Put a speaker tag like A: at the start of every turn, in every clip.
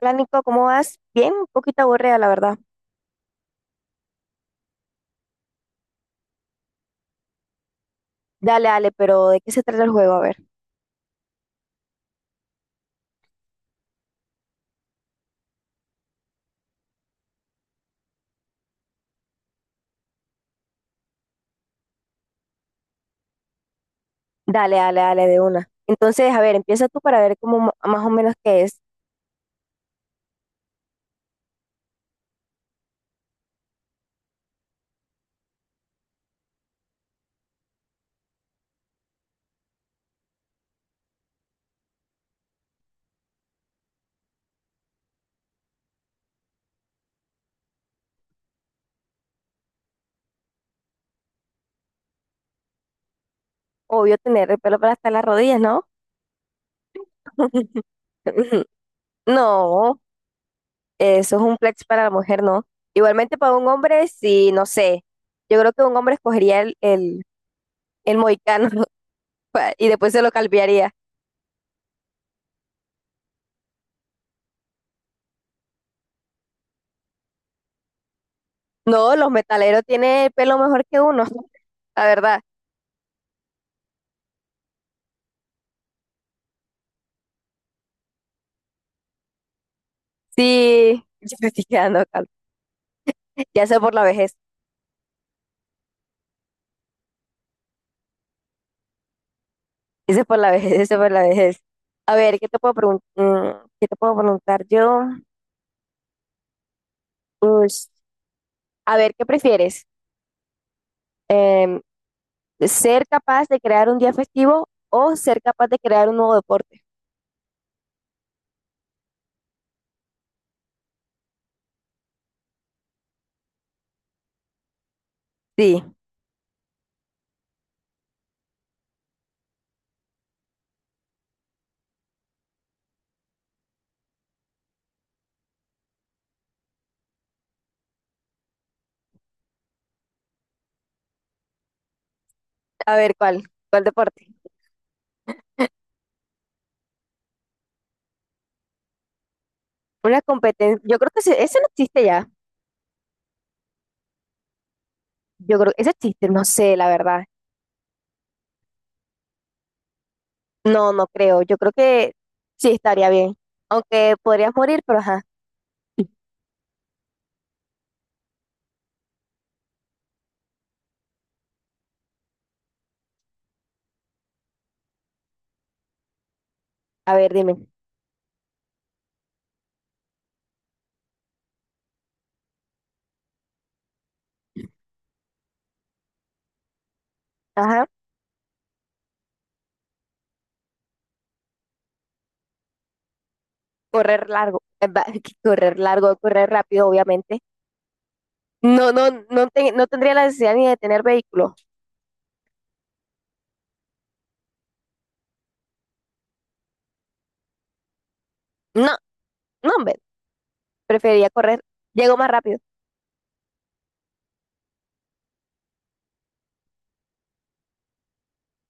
A: Hola Nico, ¿cómo vas? Bien, un poquito aburrida, la verdad. Dale, dale, pero ¿de qué se trata el juego? A ver. Dale, dale, dale, de una. Entonces, a ver, empieza tú para ver cómo más o menos qué es. Obvio tener el pelo para hasta las rodillas, ¿no? No, eso es un flex para la mujer, ¿no? Igualmente para un hombre, sí, no sé. Yo creo que un hombre escogería el mohicano y después se lo calviaría. No, los metaleros tienen el pelo mejor que uno, la verdad. Sí, yo me estoy quedando calva. Ya sea por la vejez. Ese es por la vejez, ese es por la vejez. A ver, ¿qué te puedo preguntar? ¿Qué te puedo preguntar yo? Ush. A ver, ¿qué prefieres? Em, ¿Ser capaz de crear un día festivo o ser capaz de crear un nuevo deporte? Sí, a ver, ¿cuál? ¿Cuál deporte? Una competencia. Yo creo que ese no existe ya. Yo creo que ese existe, no sé, la verdad. No, no creo. Yo creo que sí estaría bien. Aunque podrías morir, pero ajá. A ver, dime. Ajá. Correr largo. Va, correr largo, correr rápido, obviamente. No, no, no, no tendría la necesidad ni de tener vehículo. No, no, hombre, preferiría correr. Llego más rápido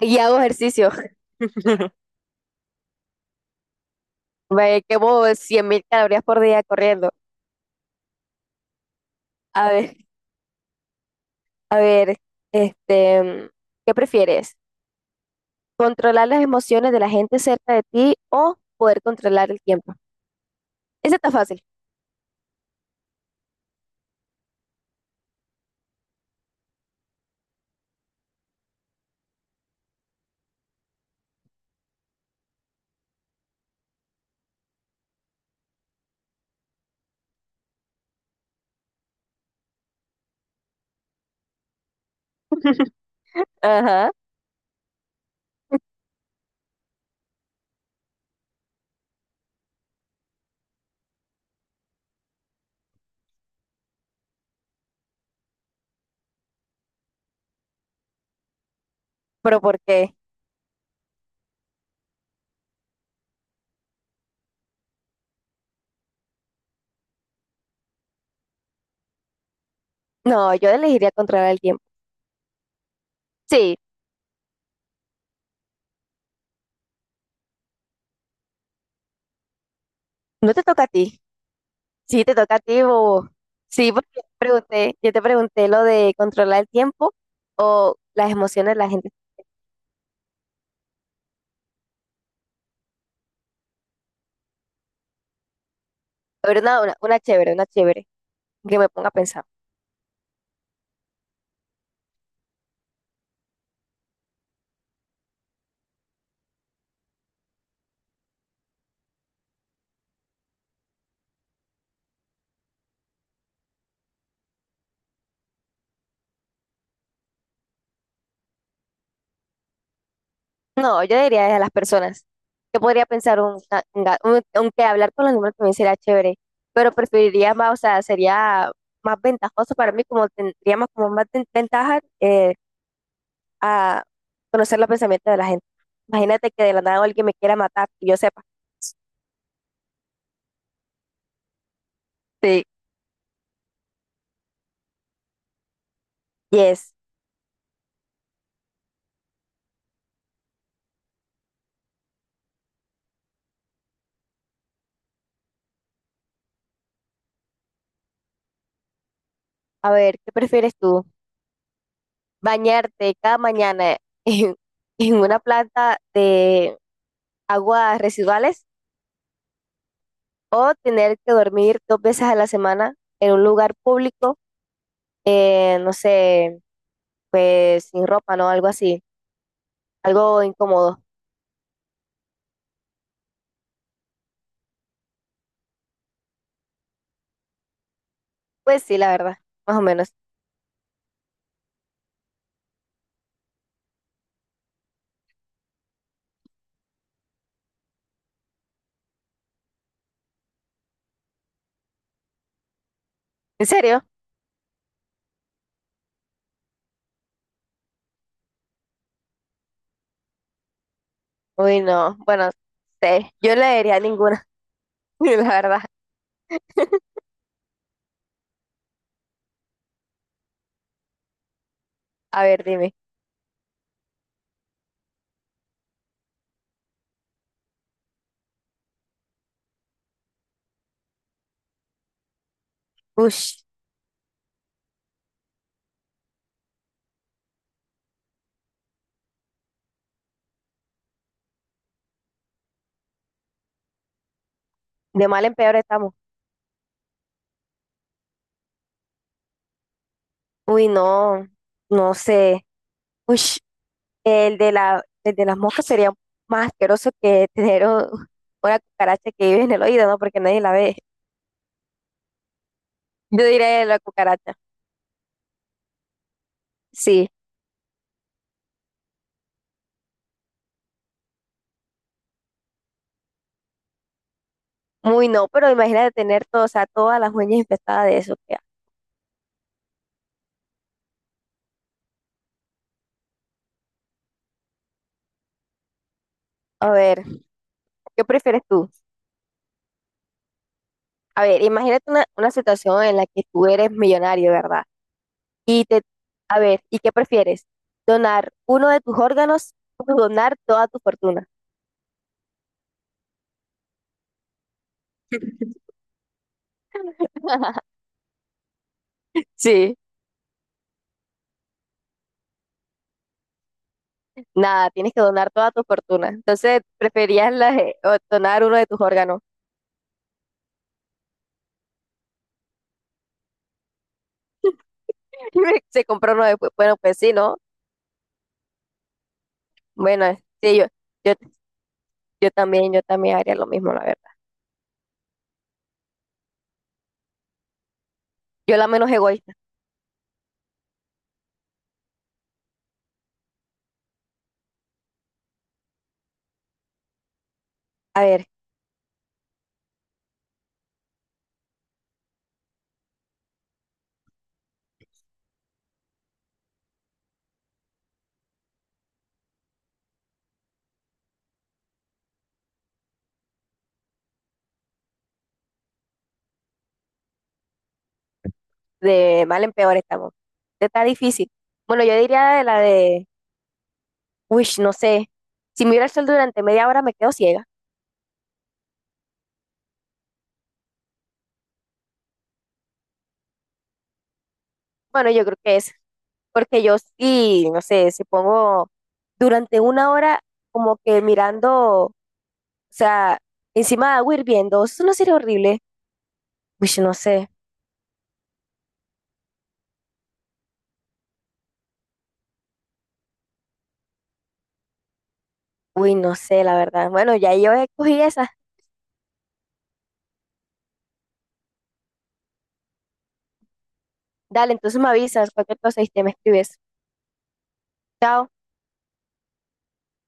A: y hago ejercicio. Me quemo 100,000 calorías por día corriendo. A ver, a ver, este, ¿qué prefieres? ¿Controlar las emociones de la gente cerca de ti o poder controlar el tiempo? Ese está fácil. Ajá, pero ¿por qué? No, yo elegiría controlar el tiempo. Sí, no te toca a ti. Sí, te toca a ti, bobo. Sí, porque yo te pregunté lo de controlar el tiempo o las emociones de la gente. A ver, una chévere, una chévere, que me ponga a pensar. No, yo diría es a las personas. Yo podría pensar, un, una- un ga- un- aunque hablar con los animales también sería chévere, pero preferiría más, o sea, sería más ventajoso para mí, como tendríamos como más ventaja a conocer los pensamientos de la gente. Imagínate que de la nada alguien me quiera matar y yo sepa. Sí, yes. A ver, ¿qué prefieres tú? ¿Bañarte cada mañana en, en una planta de aguas residuales o tener que dormir 2 veces a la semana en un lugar público, no sé, pues sin ropa, ¿no? Algo así, algo incómodo. Pues sí, la verdad, más o menos. ¿En serio? Uy, no. Bueno, sé, yo no le diría ninguna, la verdad. A ver, dime. Ush. De mal en peor estamos. Uy, no, no sé. Uy, el de las moscas sería más asqueroso que tener una cucaracha que vive en el oído, ¿no? Porque nadie la ve. Yo diría la cucaracha. Sí, muy no, pero imagínate tener todo, o sea, todas las uñas infestadas de eso. Qué asco. A ver, ¿qué prefieres tú? A ver, imagínate una situación en la que tú eres millonario, ¿verdad? Y te, a ver, ¿y qué prefieres? ¿Donar uno de tus órganos o donar toda tu fortuna? Sí. Nada, tienes que donar toda tu fortuna. Entonces, preferías o donar uno de tus órganos. Se compró uno después. Bueno, pues sí, ¿no? Bueno, sí, yo, yo también, yo también, haría lo mismo, la verdad. Yo la menos egoísta. A ver, de mal en peor estamos. Esta Está difícil. Bueno, yo diría uy, no sé. Si miro el sol durante media hora me quedo ciega. Bueno, yo creo que es. Porque yo sí, no sé, si pongo durante una hora como que mirando. O sea, encima de agua hirviendo, eso no sería horrible. Uy, no sé. Uy, no sé, la verdad. Bueno, ya yo escogí esa. Dale, entonces me avisas, cualquier cosa y te me escribes. Chao.